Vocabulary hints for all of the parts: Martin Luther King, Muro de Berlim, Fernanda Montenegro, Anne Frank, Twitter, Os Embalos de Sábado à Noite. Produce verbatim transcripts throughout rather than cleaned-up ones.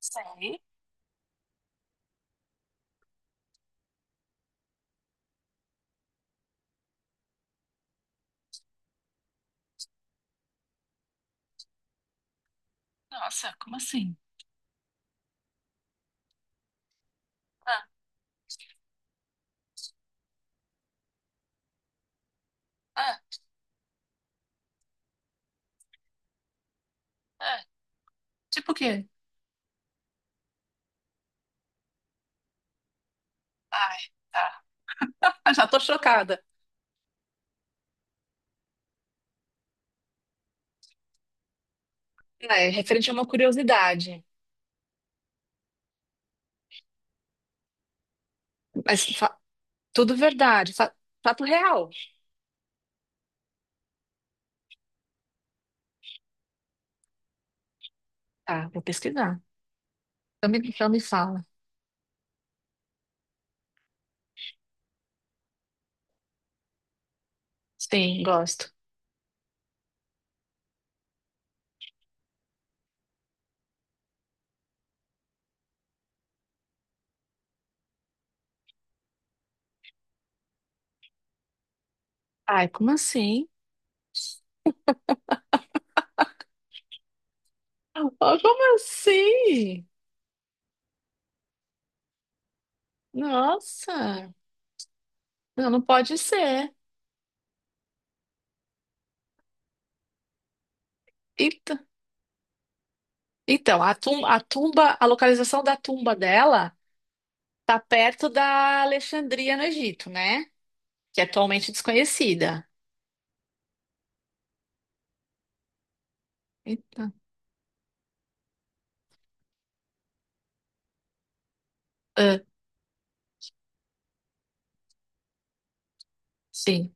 Sei. Nossa, como assim? Ah, ah, ah. Tipo o quê? Ai, tá. Ah, já tô chocada. É, referente a uma curiosidade. Mas fa- tudo verdade, fa- fato real. Tá, vou pesquisar. Então me, então me fala. Sim, gosto. Ai, como assim? Ah, como assim? Nossa, não, não pode ser. Eita. Então, a tum- a tumba, a localização da tumba dela tá perto da Alexandria no Egito, né? Que é atualmente desconhecida. Eita. Ah, sim.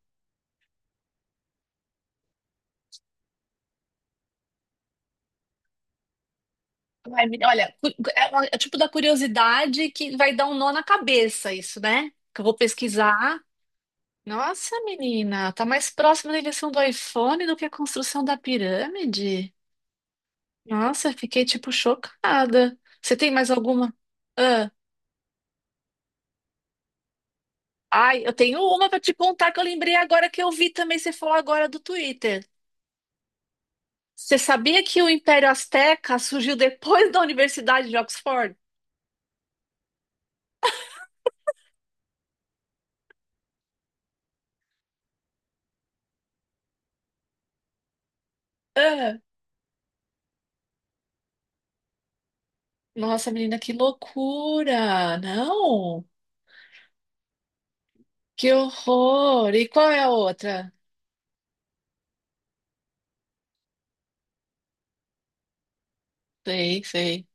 Vai me- olha, cu- é, uma- é tipo da curiosidade que vai dar um nó na cabeça isso, né? Que eu vou pesquisar. Nossa, menina, tá mais próximo da invenção do iPhone do que a construção da pirâmide? Nossa, fiquei tipo chocada. Você tem mais alguma? Ah, ai, eu tenho uma pra te contar que eu lembrei agora que eu vi também você falar agora do Twitter. Você sabia que o Império Azteca surgiu depois da Universidade de Oxford? Nossa, menina, que loucura! Não, que horror! E qual é a outra? Sei, sei.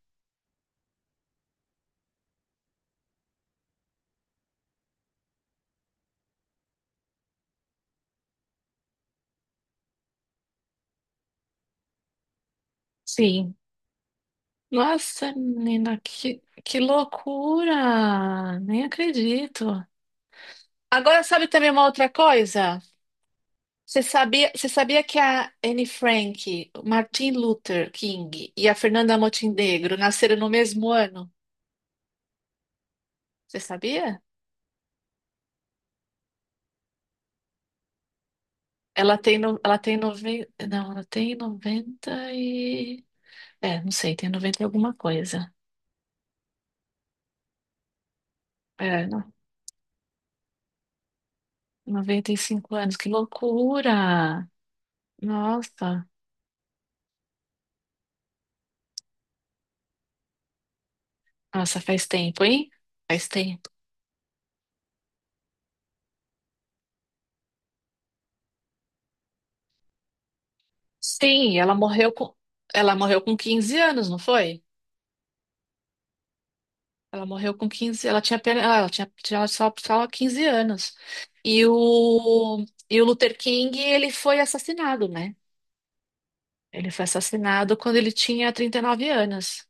Sim. Nossa, menina, que, que loucura! Nem acredito. Agora, sabe também uma outra coisa? Você sabia, você sabia que a Anne Frank, o Martin Luther King e a Fernanda Montenegro nasceram no mesmo ano? Você sabia? Ela tem, no- ela tem, noventa não, ela tem noventa. É, não sei, tem noventa e alguma coisa. É, não, noventa e cinco anos, que loucura! Nossa, nossa, faz tempo, hein? Faz tempo. Sim, ela morreu com, ela morreu com quinze anos, não foi? Ela morreu com quinze, ela tinha, apenas- ah, ela tinha, tinha só, só quinze anos. E o, e o Luther King, ele foi assassinado, né? Ele foi assassinado quando ele tinha trinta e nove anos.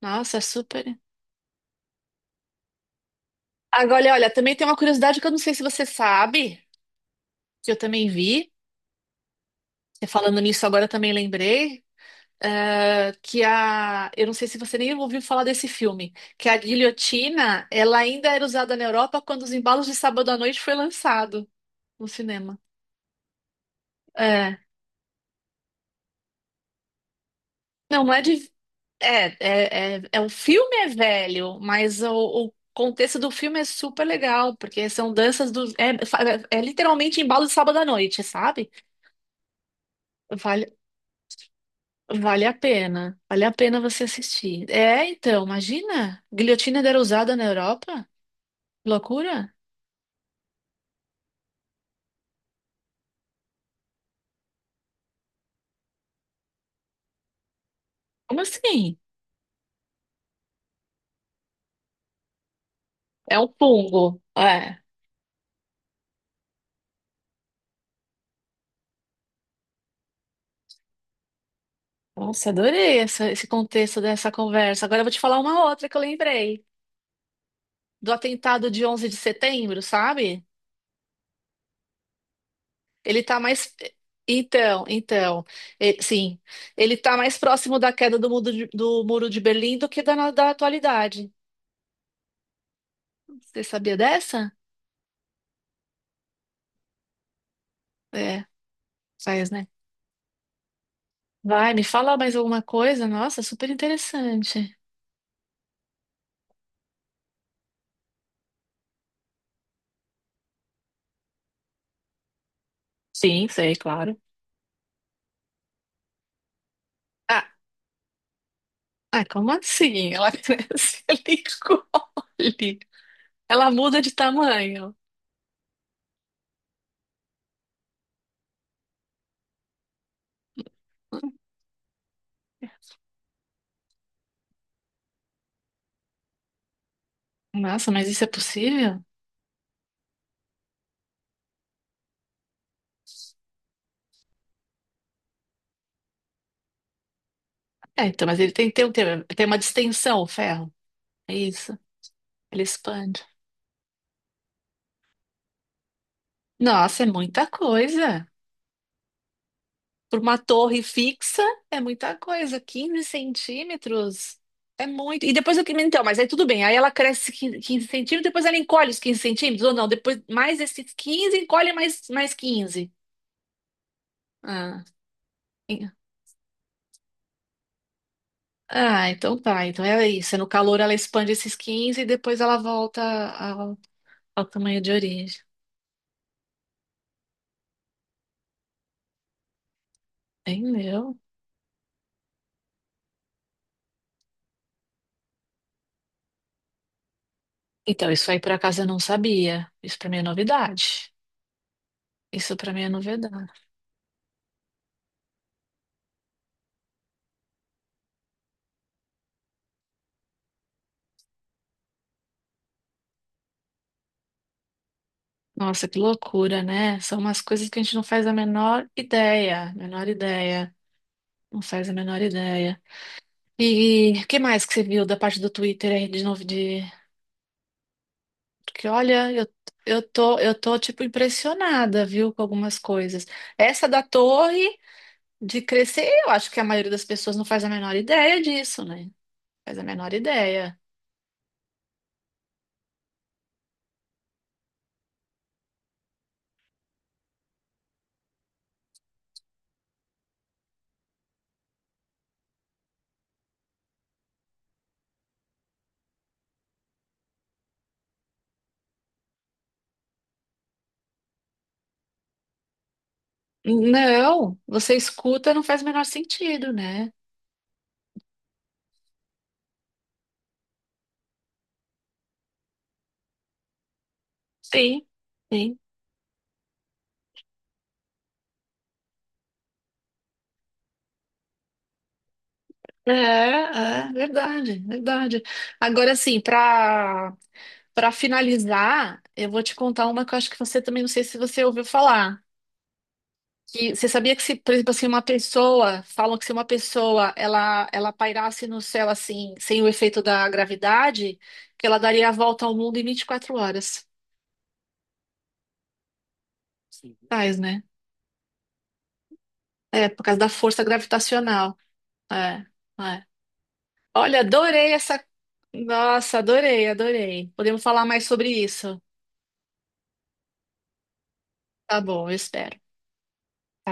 Nossa, é super. Agora, olha, também tem uma curiosidade que eu não sei se você sabe, que eu também vi. E falando nisso, agora também lembrei, eh, que a. eu não sei se você nem ouviu falar desse filme, que a guilhotina, ela ainda era usada na Europa quando Os Embalos de Sábado à Noite foi lançado no cinema. É. Não, não é de. É, é, é, é- o filme é velho, mas o, o contexto do filme é super legal, porque são danças do. É, fa- é é literalmente embalo de sábado à noite, sabe? Vale, Vale a pena. Vale a pena você assistir. É, então, imagina. Guilhotina era usada na Europa? Loucura? Como assim? É um fungo. É. Nossa, adorei essa- esse contexto dessa conversa. Agora eu vou te falar uma outra que eu lembrei. Do atentado de onze de setembro, sabe? Ele tá mais. Então, então. e- sim. Ele tá mais próximo da queda do, mundo de- do Muro de Berlim do que da, da atualidade. Você sabia dessa? É, faz, né? Vai, me fala mais alguma coisa? Nossa, super interessante. Sim, sei, claro. Ah, ah, como assim? Ela cresce, ela encolhe. Ela muda de tamanho. Nossa, mas isso é possível? É, então, mas ele tem que ter um- tem uma distensão, o ferro. É isso. Ele expande. Nossa, é muita coisa. Por uma torre fixa, é muita coisa. Quinze centímetros é muito. E depois o que. Então, mas aí tudo bem. Aí ela cresce quin- quinze centímetros, depois ela encolhe os quinze centímetros, ou não? Depois mais esses quinze encolhe mais, mais quinze. Ah, en- ah, então tá. Então é isso. É, no calor ela expande esses quinze e depois ela volta ao, ao tamanho de origem. Entendeu? Então, isso aí por acaso eu não sabia. Isso pra mim é novidade. Isso pra mim é novidade. Nossa, que loucura, né? São umas coisas que a gente não faz a menor ideia, menor ideia, não faz a menor ideia. E o que mais que você viu da parte do Twitter aí de novo de porque olha, eu, eu tô eu tô tipo impressionada, viu, com algumas coisas. Essa da torre de crescer, eu acho que a maioria das pessoas não faz a menor ideia disso, né? Faz a menor ideia. Não, você escuta, não faz o menor sentido, né? Sim, sim. É, é verdade, verdade. Agora, assim, para para finalizar, eu vou te contar uma que eu acho que você também não sei se você ouviu falar. Que você sabia que se, por exemplo, assim, uma pessoa, falam que se uma pessoa ela ela pairasse no céu assim, sem o efeito da gravidade, que ela daria a volta ao mundo em vinte e quatro horas. Sim. Faz, né? É, por causa da força gravitacional. É, é. Olha, adorei essa. Nossa, adorei, adorei. Podemos falar mais sobre isso. Tá bom, eu espero.